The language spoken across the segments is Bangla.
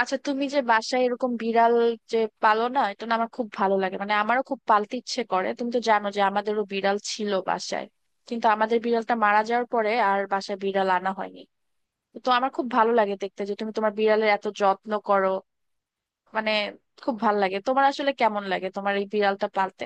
আচ্ছা, তুমি যে বাসায় এরকম বিড়াল যে পালো না, এটা না আমার খুব ভালো লাগে। মানে আমারও খুব পালতে ইচ্ছে করে। তুমি তো জানো যে আমাদেরও বিড়াল ছিল বাসায়, কিন্তু আমাদের বিড়ালটা মারা যাওয়ার পরে আর বাসায় বিড়াল আনা হয়নি। তো আমার খুব ভালো লাগে দেখতে যে তুমি তোমার বিড়ালের এত যত্ন করো। মানে খুব ভালো লাগে। তোমার আসলে কেমন লাগে তোমার এই বিড়ালটা পালতে?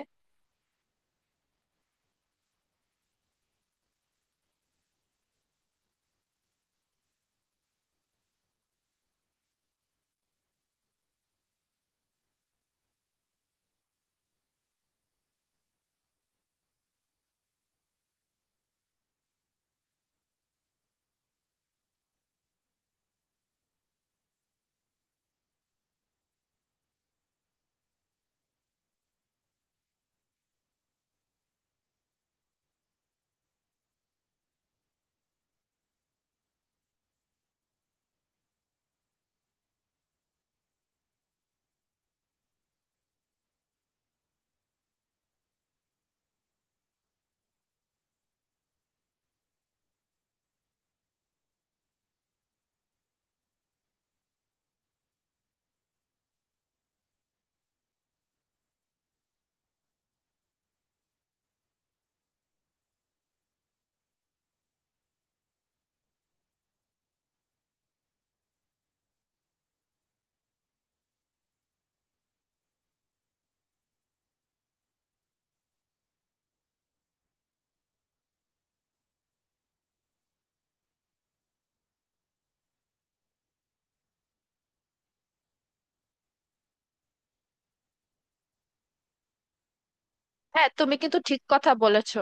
হ্যাঁ, তুমি কিন্তু ঠিক কথা বলেছো।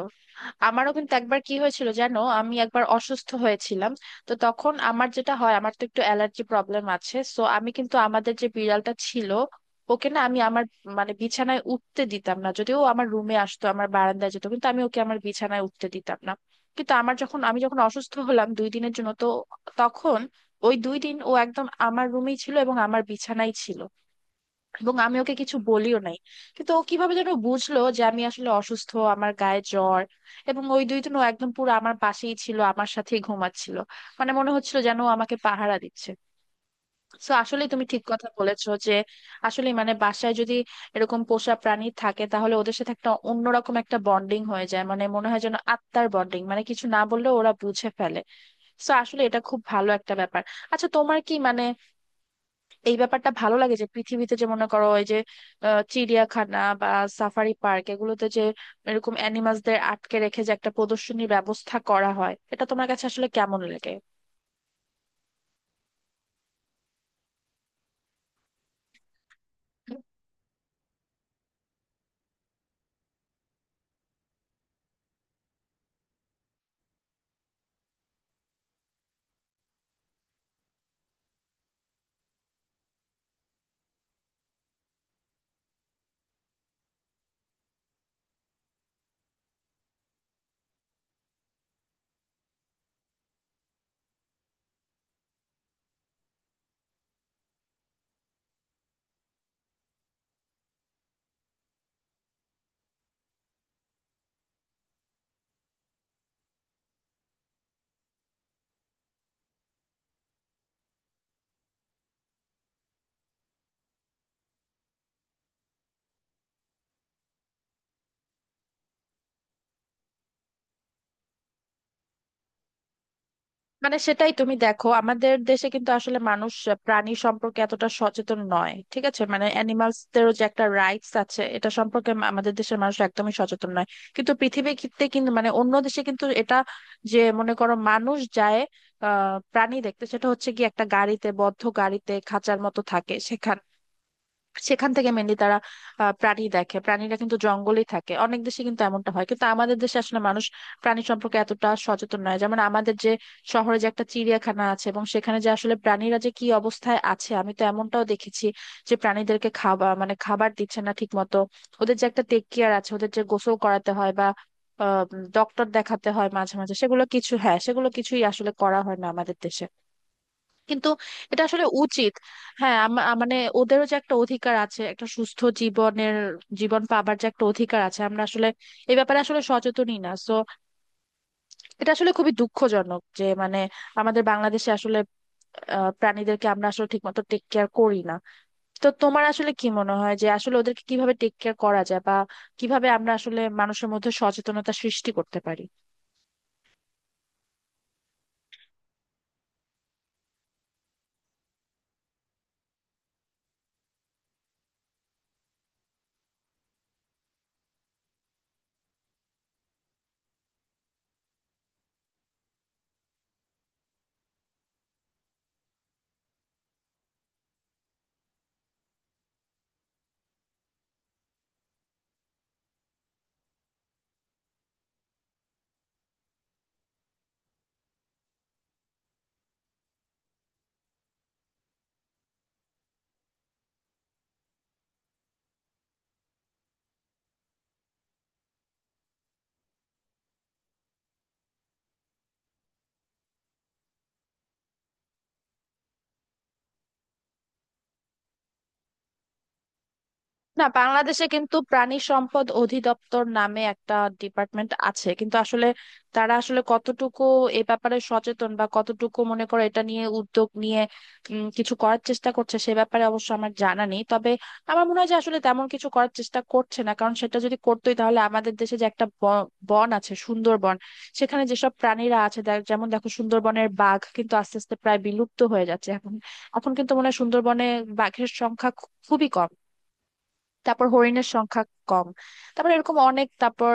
আমারও কিন্তু একবার কি হয়েছিল জানো, আমি একবার অসুস্থ হয়েছিলাম। তো তখন আমার যেটা হয়, আমার তো একটু অ্যালার্জি প্রবলেম আছে, সো আমি কিন্তু আমাদের যে বিড়ালটা ছিল ওকে না আমি আমার মানে বিছানায় উঠতে দিতাম না। যদিও ও আমার রুমে আসতো, আমার বারান্দায় যেত, কিন্তু আমি ওকে আমার বিছানায় উঠতে দিতাম না। কিন্তু আমার যখন আমি যখন অসুস্থ হলাম দুই দিনের জন্য, তো তখন ওই দুই দিন ও একদম আমার রুমেই ছিল এবং আমার বিছানায় ছিল। এবং আমি ওকে কিছু বলিও নাই, কিন্তু ও কিভাবে যেন বুঝলো যে আমি আসলে অসুস্থ, আমার গায়ে জ্বর। এবং ওই দুই দিন ও একদম পুরো আমার পাশেই ছিল, আমার সাথেই ঘুমাচ্ছিল। মানে মনে হচ্ছিল যেন ও আমাকে পাহারা দিচ্ছে। তো আসলে তুমি ঠিক কথা বলেছো যে আসলে মানে বাসায় যদি এরকম পোষা প্রাণী থাকে তাহলে ওদের সাথে অন্যরকম একটা বন্ডিং হয়ে যায়। মানে মনে হয় যেন আত্মার বন্ডিং, মানে কিছু না বললেও ওরা বুঝে ফেলে। তো আসলে এটা খুব ভালো একটা ব্যাপার। আচ্ছা, তোমার কি মানে এই ব্যাপারটা ভালো লাগে যে পৃথিবীতে যে মনে করো এই যে চিড়িয়াখানা বা সাফারি পার্ক, এগুলোতে যে এরকম অ্যানিমালসদের আটকে রেখে যে একটা প্রদর্শনীর ব্যবস্থা করা হয়, এটা তোমার কাছে আসলে কেমন লাগে? মানে সেটাই, তুমি দেখো আমাদের দেশে কিন্তু আসলে মানুষ প্রাণী সম্পর্কে এতটা সচেতন নয়। ঠিক আছে, মানে অ্যানিমালসদেরও যে একটা রাইটস আছে, এটা সম্পর্কে আমাদের দেশের মানুষ একদমই সচেতন নয়। কিন্তু পৃথিবী ক্ষেত্রে কিন্তু মানে অন্য দেশে কিন্তু এটা যে মনে করো মানুষ যায় প্রাণী দেখতে, সেটা হচ্ছে কি একটা গাড়িতে, বদ্ধ গাড়িতে, খাঁচার মতো থাকে সেখানে। সেখান থেকে মেনলি তারা প্রাণী দেখে। প্রাণীরা কিন্তু জঙ্গলেই থাকে, অনেক দেশে কিন্তু এমনটা হয়। কিন্তু আমাদের দেশে আসলে মানুষ প্রাণী সম্পর্কে এতটা সচেতন নয়। যেমন আমাদের যে শহরে যে একটা চিড়িয়াখানা আছে এবং সেখানে যে আসলে প্রাণীরা যে কি অবস্থায় আছে, আমি তো এমনটাও দেখেছি যে প্রাণীদেরকে খাবার, মানে খাবার দিচ্ছে না ঠিক মতো। ওদের যে একটা টেক কেয়ার আছে, ওদের যে গোসল করাতে হয় বা ডক্টর দেখাতে হয় মাঝে মাঝে, সেগুলো কিছু, হ্যাঁ, সেগুলো কিছুই আসলে করা হয় না আমাদের দেশে। কিন্তু এটা আসলে উচিত। হ্যাঁ, মানে ওদেরও যে একটা অধিকার আছে একটা সুস্থ জীবনের, জীবন পাবার যে একটা অধিকার আছে, আমরা আসলে এই ব্যাপারে আসলে সচেতনই না। সো এটা আসলে খুবই দুঃখজনক যে মানে আমাদের বাংলাদেশে আসলে প্রাণীদেরকে আমরা আসলে ঠিকমতো টেক কেয়ার করি না। তো তোমার আসলে কি মনে হয় যে আসলে ওদেরকে কিভাবে টেক কেয়ার করা যায় বা কিভাবে আমরা আসলে মানুষের মধ্যে সচেতনতা সৃষ্টি করতে পারি? না, বাংলাদেশে কিন্তু প্রাণী সম্পদ অধিদপ্তর নামে একটা ডিপার্টমেন্ট আছে, কিন্তু আসলে তারা আসলে কতটুকু এ ব্যাপারে সচেতন বা কতটুকু মনে করো এটা নিয়ে উদ্যোগ নিয়ে কিছু করার চেষ্টা করছে সে ব্যাপারে অবশ্য আমার জানা নেই। তবে আমার মনে হয় যে আসলে তেমন কিছু করার চেষ্টা করছে না, কারণ সেটা যদি করতোই তাহলে আমাদের দেশে যে একটা বন আছে, সুন্দরবন, সেখানে যেসব প্রাণীরা আছে যেমন দেখো সুন্দরবনের বাঘ কিন্তু আস্তে আস্তে প্রায় বিলুপ্ত হয়ে যাচ্ছে এখন। এখন কিন্তু মনে হয় সুন্দরবনে বাঘের সংখ্যা খুবই কম, তারপর হরিণের সংখ্যা কম, তারপর এরকম অনেক, তারপর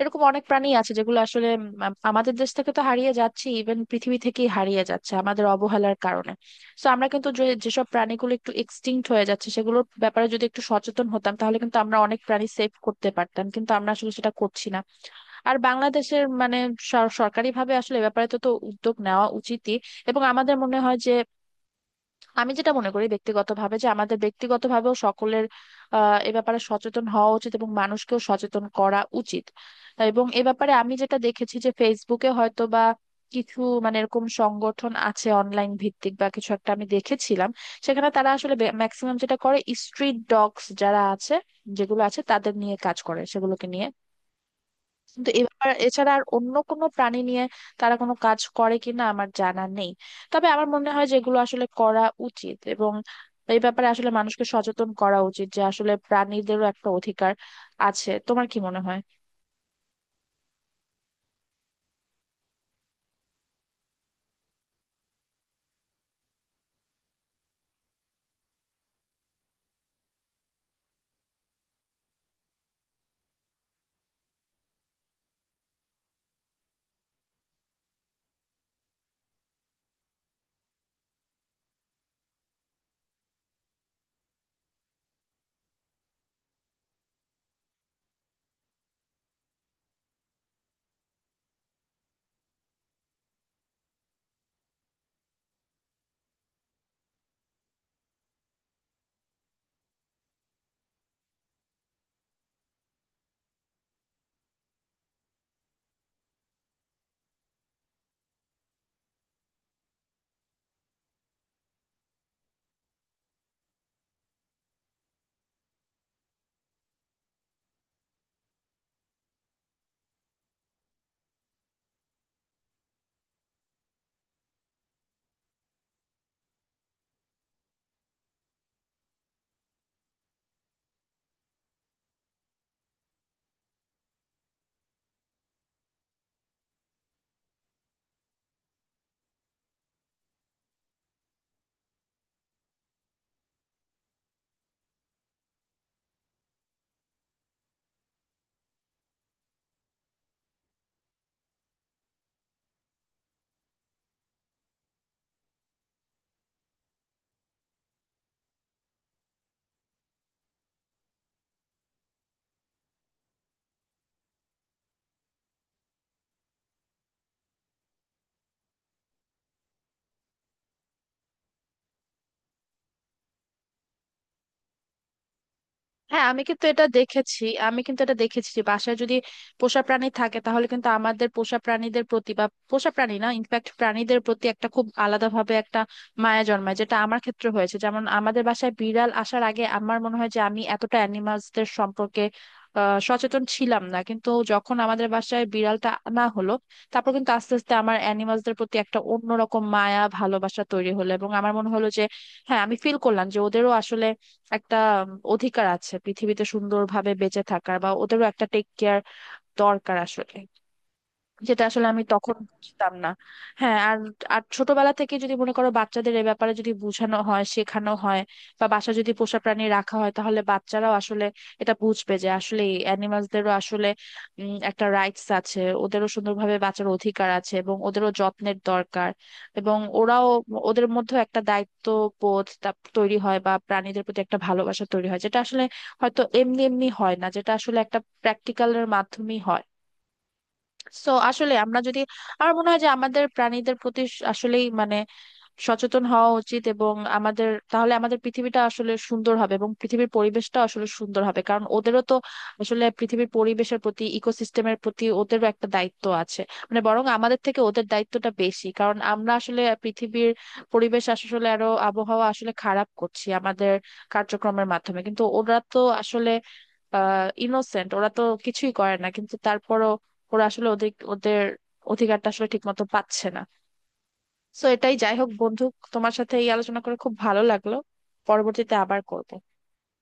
এরকম অনেক প্রাণী আছে যেগুলো আসলে আমাদের দেশ থেকে তো হারিয়ে যাচ্ছে, ইভেন পৃথিবী থেকেই হারিয়ে যাচ্ছে আমাদের অবহেলার কারণে। তো আমরা কিন্তু যে যেসব প্রাণীগুলো একটু এক্সটিংক্ট হয়ে যাচ্ছে সেগুলোর ব্যাপারে যদি একটু সচেতন হতাম তাহলে কিন্তু আমরা অনেক প্রাণী সেভ করতে পারতাম, কিন্তু আমরা আসলে সেটা করছি না। আর বাংলাদেশের মানে সরকারি ভাবে আসলে এ ব্যাপারে তো তো উদ্যোগ নেওয়া উচিতই। এবং আমাদের মনে হয় যে আমি যেটা মনে করি ব্যক্তিগতভাবে যে আমাদের ব্যক্তিগতভাবেও সকলের এ ব্যাপারে সচেতন হওয়া উচিত এবং মানুষকেও সচেতন করা উচিত। এবং এ ব্যাপারে আমি যেটা দেখেছি যে ফেসবুকে হয়তো বা কিছু মানে এরকম সংগঠন আছে অনলাইন ভিত্তিক বা কিছু একটা আমি দেখেছিলাম। সেখানে তারা আসলে ম্যাক্সিমাম যেটা করে, স্ট্রিট ডগস যারা আছে, যেগুলো আছে, তাদের নিয়ে কাজ করে সেগুলোকে নিয়ে। কিন্তু এ ব্যাপার এছাড়া আর অন্য কোনো প্রাণী নিয়ে তারা কোনো কাজ করে কিনা আমার জানা নেই। তবে আমার মনে হয় যেগুলো আসলে করা উচিত, এবং এই ব্যাপারে আসলে মানুষকে সচেতন করা উচিত যে আসলে প্রাণীদেরও একটা অধিকার আছে। তোমার কি মনে হয়? হ্যাঁ, আমি কিন্তু এটা দেখেছি যে বাসায় যদি পোষা প্রাণী থাকে তাহলে কিন্তু আমাদের পোষা প্রাণীদের প্রতি বা পোষা প্রাণী না, ইনফ্যাক্ট প্রাণীদের প্রতি একটা খুব আলাদাভাবে একটা মায়া জন্মায়, যেটা আমার ক্ষেত্রে হয়েছে। যেমন আমাদের বাসায় বিড়াল আসার আগে আমার মনে হয় যে আমি এতটা অ্যানিমালসদের সম্পর্কে সচেতন ছিলাম না, কিন্তু যখন আমাদের বাসায় বিড়ালটা আনা হলো তারপর কিন্তু আস্তে আস্তে আমার অ্যানিমালসদের প্রতি একটা অন্যরকম মায়া ভালোবাসা তৈরি হলো। এবং আমার মনে হলো যে, হ্যাঁ, আমি ফিল করলাম যে ওদেরও আসলে একটা অধিকার আছে পৃথিবীতে সুন্দরভাবে বেঁচে থাকার, বা ওদেরও একটা টেক কেয়ার দরকার আসলে, যেটা আসলে আমি তখন বুঝতাম না। হ্যাঁ, আর আর ছোটবেলা থেকে যদি মনে করো বাচ্চাদের এ ব্যাপারে যদি বোঝানো হয়, শেখানো হয় বা বাসা যদি পোষা প্রাণী রাখা হয়, তাহলে বাচ্চারাও আসলে এটা বুঝবে যে আসলে অ্যানিমালসদেরও আসলে একটা রাইটস আছে, ওদেরও সুন্দরভাবে বাঁচার অধিকার আছে এবং ওদেরও যত্নের দরকার। এবং ওরাও, ওদের মধ্যে একটা দায়িত্ব বোধ তা- তৈরি হয় বা প্রাণীদের প্রতি একটা ভালোবাসা তৈরি হয়, যেটা আসলে হয়তো এমনি এমনি হয় না, যেটা আসলে একটা প্র্যাকটিক্যালের মাধ্যমেই হয়। সো আসলে আমরা যদি, আমার মনে হয় যে আমাদের প্রাণীদের প্রতি আসলেই মানে সচেতন হওয়া উচিত এবং তাহলে আমাদের পৃথিবীটা আসলে সুন্দর হবে এবং পৃথিবীর পরিবেশটা আসলে সুন্দর হবে। কারণ ওদেরও তো আসলে পৃথিবীর পরিবেশের প্রতি, ইকোসিস্টেমের প্রতি ওদেরও একটা দায়িত্ব আছে। মানে বরং আমাদের থেকে ওদের দায়িত্বটা বেশি, কারণ আমরা আসলে পৃথিবীর পরিবেশ আসলে আরো, আবহাওয়া আসলে খারাপ করছি আমাদের কার্যক্রমের মাধ্যমে। কিন্তু ওরা তো আসলে ইনোসেন্ট, ওরা তো কিছুই করে না, কিন্তু তারপরও ওরা আসলে ওদের ওদের অধিকারটা আসলে ঠিক মতো পাচ্ছে না। তো এটাই, যাই হোক বন্ধু, তোমার সাথে এই আলোচনা করে খুব ভালো লাগলো। পরবর্তীতে আবার করব।